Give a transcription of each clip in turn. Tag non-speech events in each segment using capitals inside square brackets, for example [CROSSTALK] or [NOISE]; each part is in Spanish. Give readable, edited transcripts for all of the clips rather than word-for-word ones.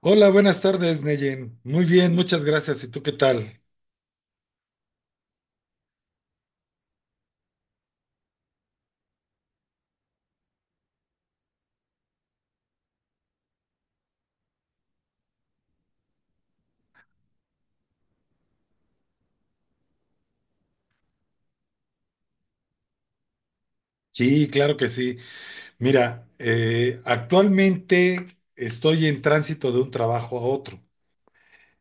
Hola, buenas tardes, Neyen. Muy bien, muchas gracias. ¿Y tú qué tal? Sí, claro que sí. Mira, actualmente estoy en tránsito de un trabajo a otro.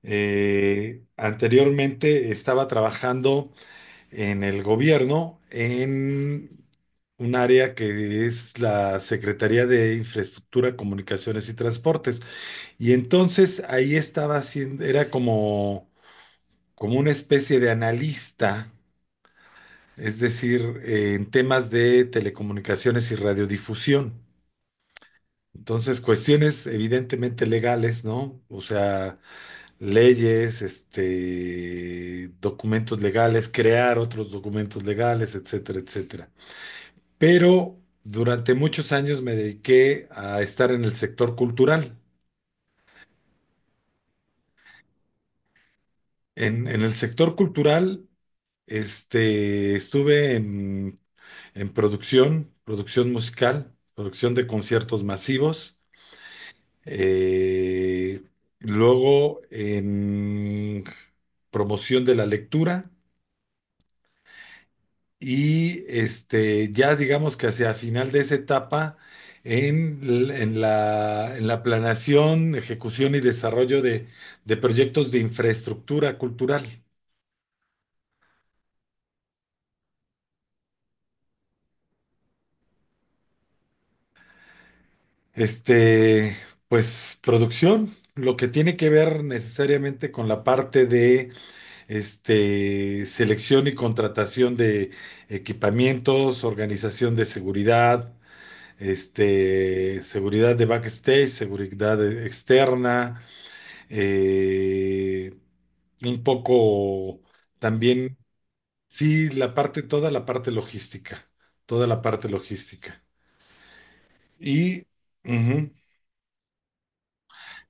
Anteriormente estaba trabajando en el gobierno en un área que es la Secretaría de Infraestructura, Comunicaciones y Transportes. Y entonces ahí estaba haciendo, era como, como una especie de analista, es decir, en temas de telecomunicaciones y radiodifusión. Entonces, cuestiones evidentemente legales, ¿no? O sea, leyes, este, documentos legales, crear otros documentos legales, etcétera, etcétera. Pero durante muchos años me dediqué a estar en el sector cultural. En el sector cultural, este, estuve en producción, producción musical, producción de conciertos masivos. Eh, Luego en promoción de la lectura, y este, ya digamos que hacia final de esa etapa en, en la planeación, ejecución y desarrollo de proyectos de infraestructura cultural. Este, pues producción, lo que tiene que ver necesariamente con la parte de este, selección y contratación de equipamientos, organización de seguridad, este, seguridad de backstage, seguridad externa, eh, un poco también, sí, la parte, toda la parte logística, toda la parte logística. Y, ujú,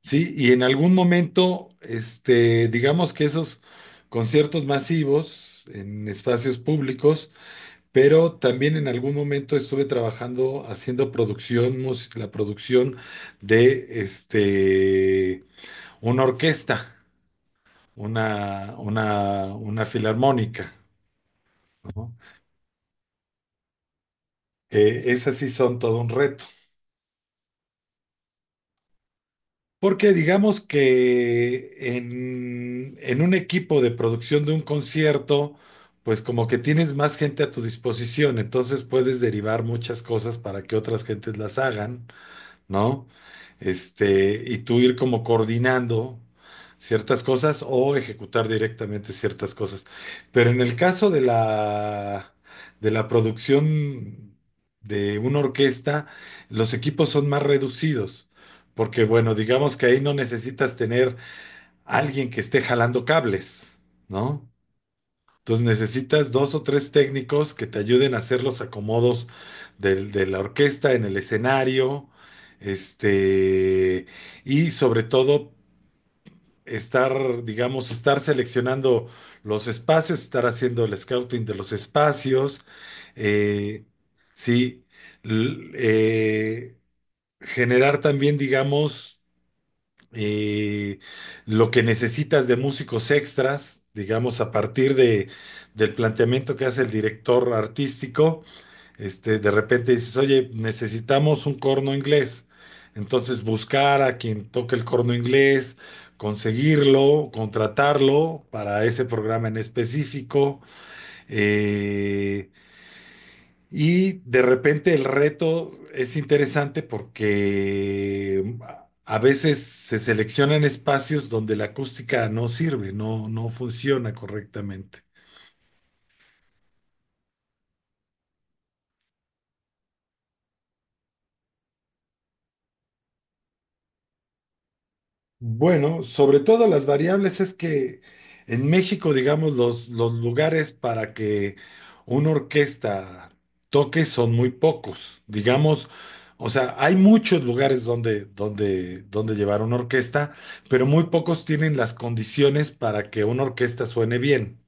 sí, y en algún momento, este, digamos que esos conciertos masivos en espacios públicos, pero también en algún momento estuve trabajando haciendo producción, la producción de este, una orquesta, una filarmónica, ¿no? Esas sí son todo un reto. Porque digamos que en un equipo de producción de un concierto, pues como que tienes más gente a tu disposición, entonces puedes derivar muchas cosas para que otras gentes las hagan. ¿No? Este, y tú ir como coordinando ciertas cosas o ejecutar directamente ciertas cosas. Pero en el caso de la producción de una orquesta, los equipos son más reducidos, porque bueno, digamos que ahí no necesitas tener alguien que esté jalando cables, ¿no? Entonces necesitas dos o tres técnicos que te ayuden a hacer los acomodos de la orquesta en el escenario, este, y sobre todo estar, digamos, estar seleccionando los espacios, estar haciendo el scouting de los espacios, eh, sí, l- eh, generar también, digamos, eh, lo que necesitas de músicos extras, digamos, a partir de, del planteamiento que hace el director artístico, este, de repente dices, oye, necesitamos un corno inglés. Entonces buscar a quien toque el corno inglés, conseguirlo, contratarlo para ese programa en específico. Eh, y de repente el reto es interesante porque a veces se seleccionan espacios donde la acústica no sirve, no, no funciona correctamente. Bueno, sobre todo las variables es que en México, digamos, los lugares para que una orquesta toque son muy pocos. Digamos, o sea, hay muchos lugares donde, donde llevar una orquesta, pero muy pocos tienen las condiciones para que una orquesta suene bien,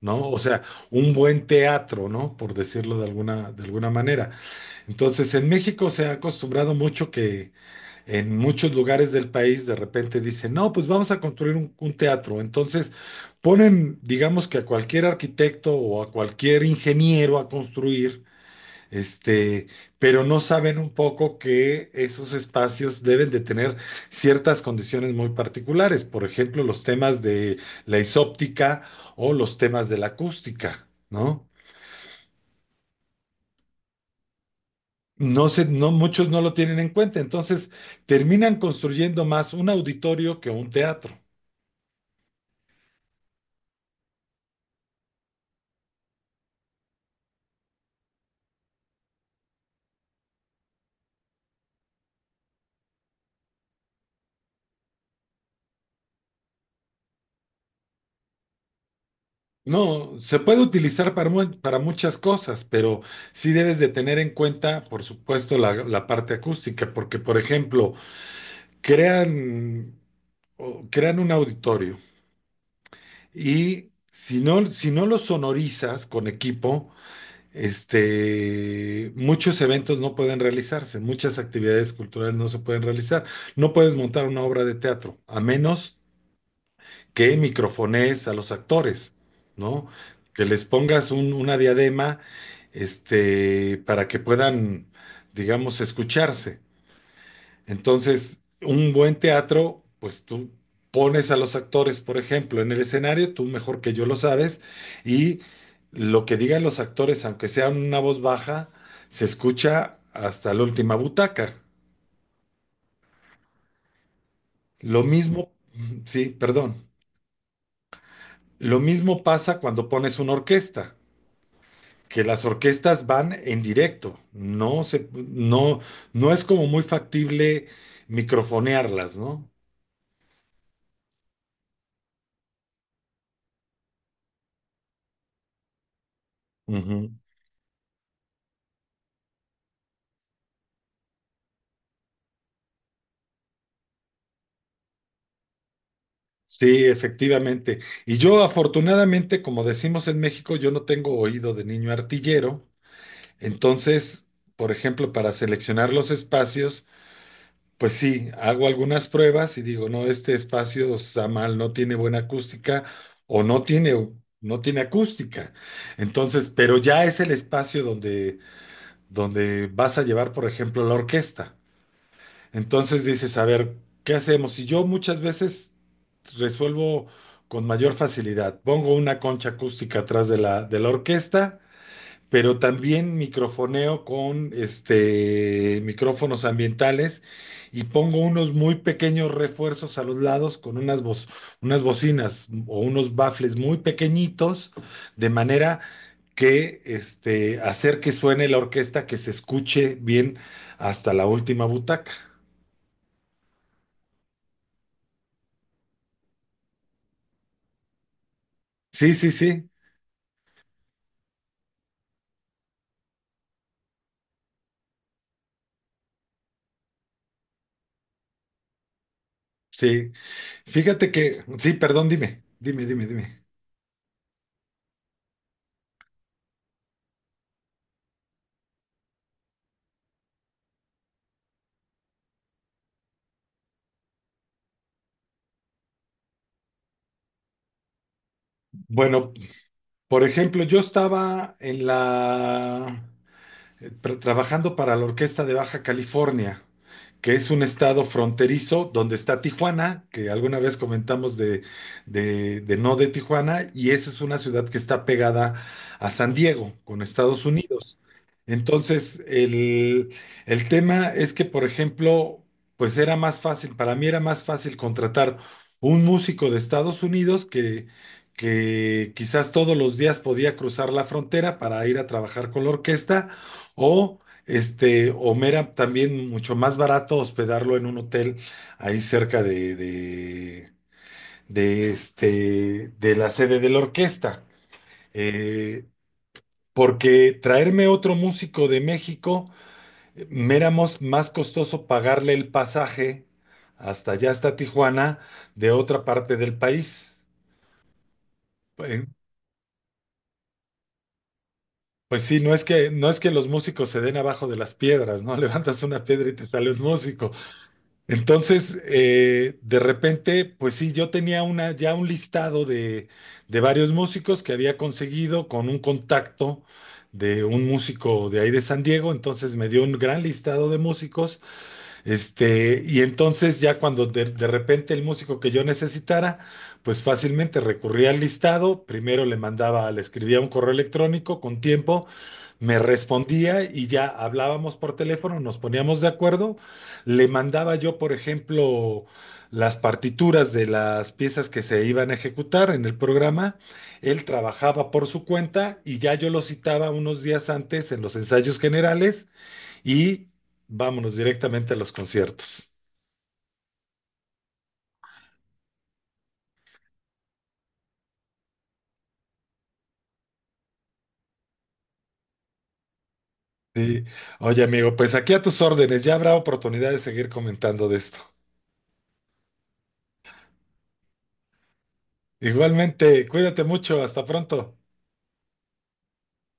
¿no? O sea, un buen teatro, ¿no? Por decirlo de alguna manera. Entonces, en México se ha acostumbrado mucho que en muchos lugares del país de repente dicen, no, pues vamos a construir un teatro. Entonces ponen, digamos que a cualquier arquitecto o a cualquier ingeniero a construir, este, pero no saben un poco que esos espacios deben de tener ciertas condiciones muy particulares. Por ejemplo, los temas de la isóptica o los temas de la acústica, ¿no? No se, no, muchos no lo tienen en cuenta. Entonces terminan construyendo más un auditorio que un teatro. No, se puede utilizar para, para muchas cosas, pero sí debes de tener en cuenta, por supuesto, la parte acústica, porque, por ejemplo, crean, crean un auditorio y si no, si no lo sonorizas con equipo, este, muchos eventos no pueden realizarse, muchas actividades culturales no se pueden realizar. No puedes montar una obra de teatro, a menos que microfonees a los actores, ¿no? Que les pongas una diadema, este, para que puedan, digamos, escucharse. Entonces, un buen teatro, pues tú pones a los actores, por ejemplo, en el escenario, tú mejor que yo lo sabes, y lo que digan los actores, aunque sea una voz baja, se escucha hasta la última butaca. Lo mismo, sí, perdón. Lo mismo pasa cuando pones una orquesta. Que las orquestas van en directo, no se, no, no es como muy factible microfonearlas, ¿no? Ujú. Sí, efectivamente. Y yo afortunadamente, como decimos en México, yo no tengo oído de niño artillero, entonces, por ejemplo, para seleccionar los espacios, pues sí, hago algunas pruebas y digo, no, este espacio está mal, no tiene buena acústica o no tiene, no tiene acústica. Entonces, pero ya es el espacio donde vas a llevar, por ejemplo, la orquesta. Entonces dices, a ver, ¿qué hacemos? Y yo muchas veces resuelvo con mayor facilidad. Pongo una concha acústica atrás de la orquesta, pero también microfoneo con este, micrófonos ambientales y pongo unos muy pequeños refuerzos a los lados con unas, unas bocinas o unos bafles muy pequeñitos, de manera que este, hacer que suene la orquesta, que se escuche bien hasta la última butaca. Sí, sí, sí, sí. Fíjate que, sí, perdón, dime. Bueno, por ejemplo, yo estaba en la trabajando para la Orquesta de Baja California, que es un estado fronterizo donde está Tijuana, que alguna vez comentamos de, de no de Tijuana, y esa es una ciudad que está pegada a San Diego, con Estados Unidos. Entonces, el tema es que, por ejemplo, pues era más fácil, para mí era más fácil contratar un músico de Estados Unidos que quizás todos los días podía cruzar la frontera para ir a trabajar con la orquesta o este, o mera también mucho más barato hospedarlo en un hotel ahí cerca de, este, de la sede de la orquesta. Eh, Porque traerme otro músico de México, me era más costoso pagarle el pasaje hasta allá, hasta Tijuana, de otra parte del país. Eh, Pues sí, no es que, no es que los músicos se den abajo de las piedras, ¿no? [LAUGHS] Levantas una piedra y te sale un músico. Entonces, de repente, pues sí, yo tenía una, ya un listado de varios músicos que había conseguido con un contacto de un músico de ahí de San Diego, entonces me dio un gran listado de músicos, este, y entonces ya cuando de repente el músico que yo necesitara, pues fácilmente recurría al listado, primero le mandaba, le escribía un correo electrónico con tiempo, me respondía y ya hablábamos por teléfono, nos poníamos de acuerdo, le mandaba yo, por ejemplo, las partituras de las piezas que se iban a ejecutar en el programa, él trabajaba por su cuenta y ya yo lo citaba unos días antes en los ensayos generales y vámonos directamente a los conciertos. Sí. Oye, amigo, pues aquí a tus órdenes, ya habrá oportunidad de seguir comentando de esto. Igualmente, cuídate mucho, hasta pronto.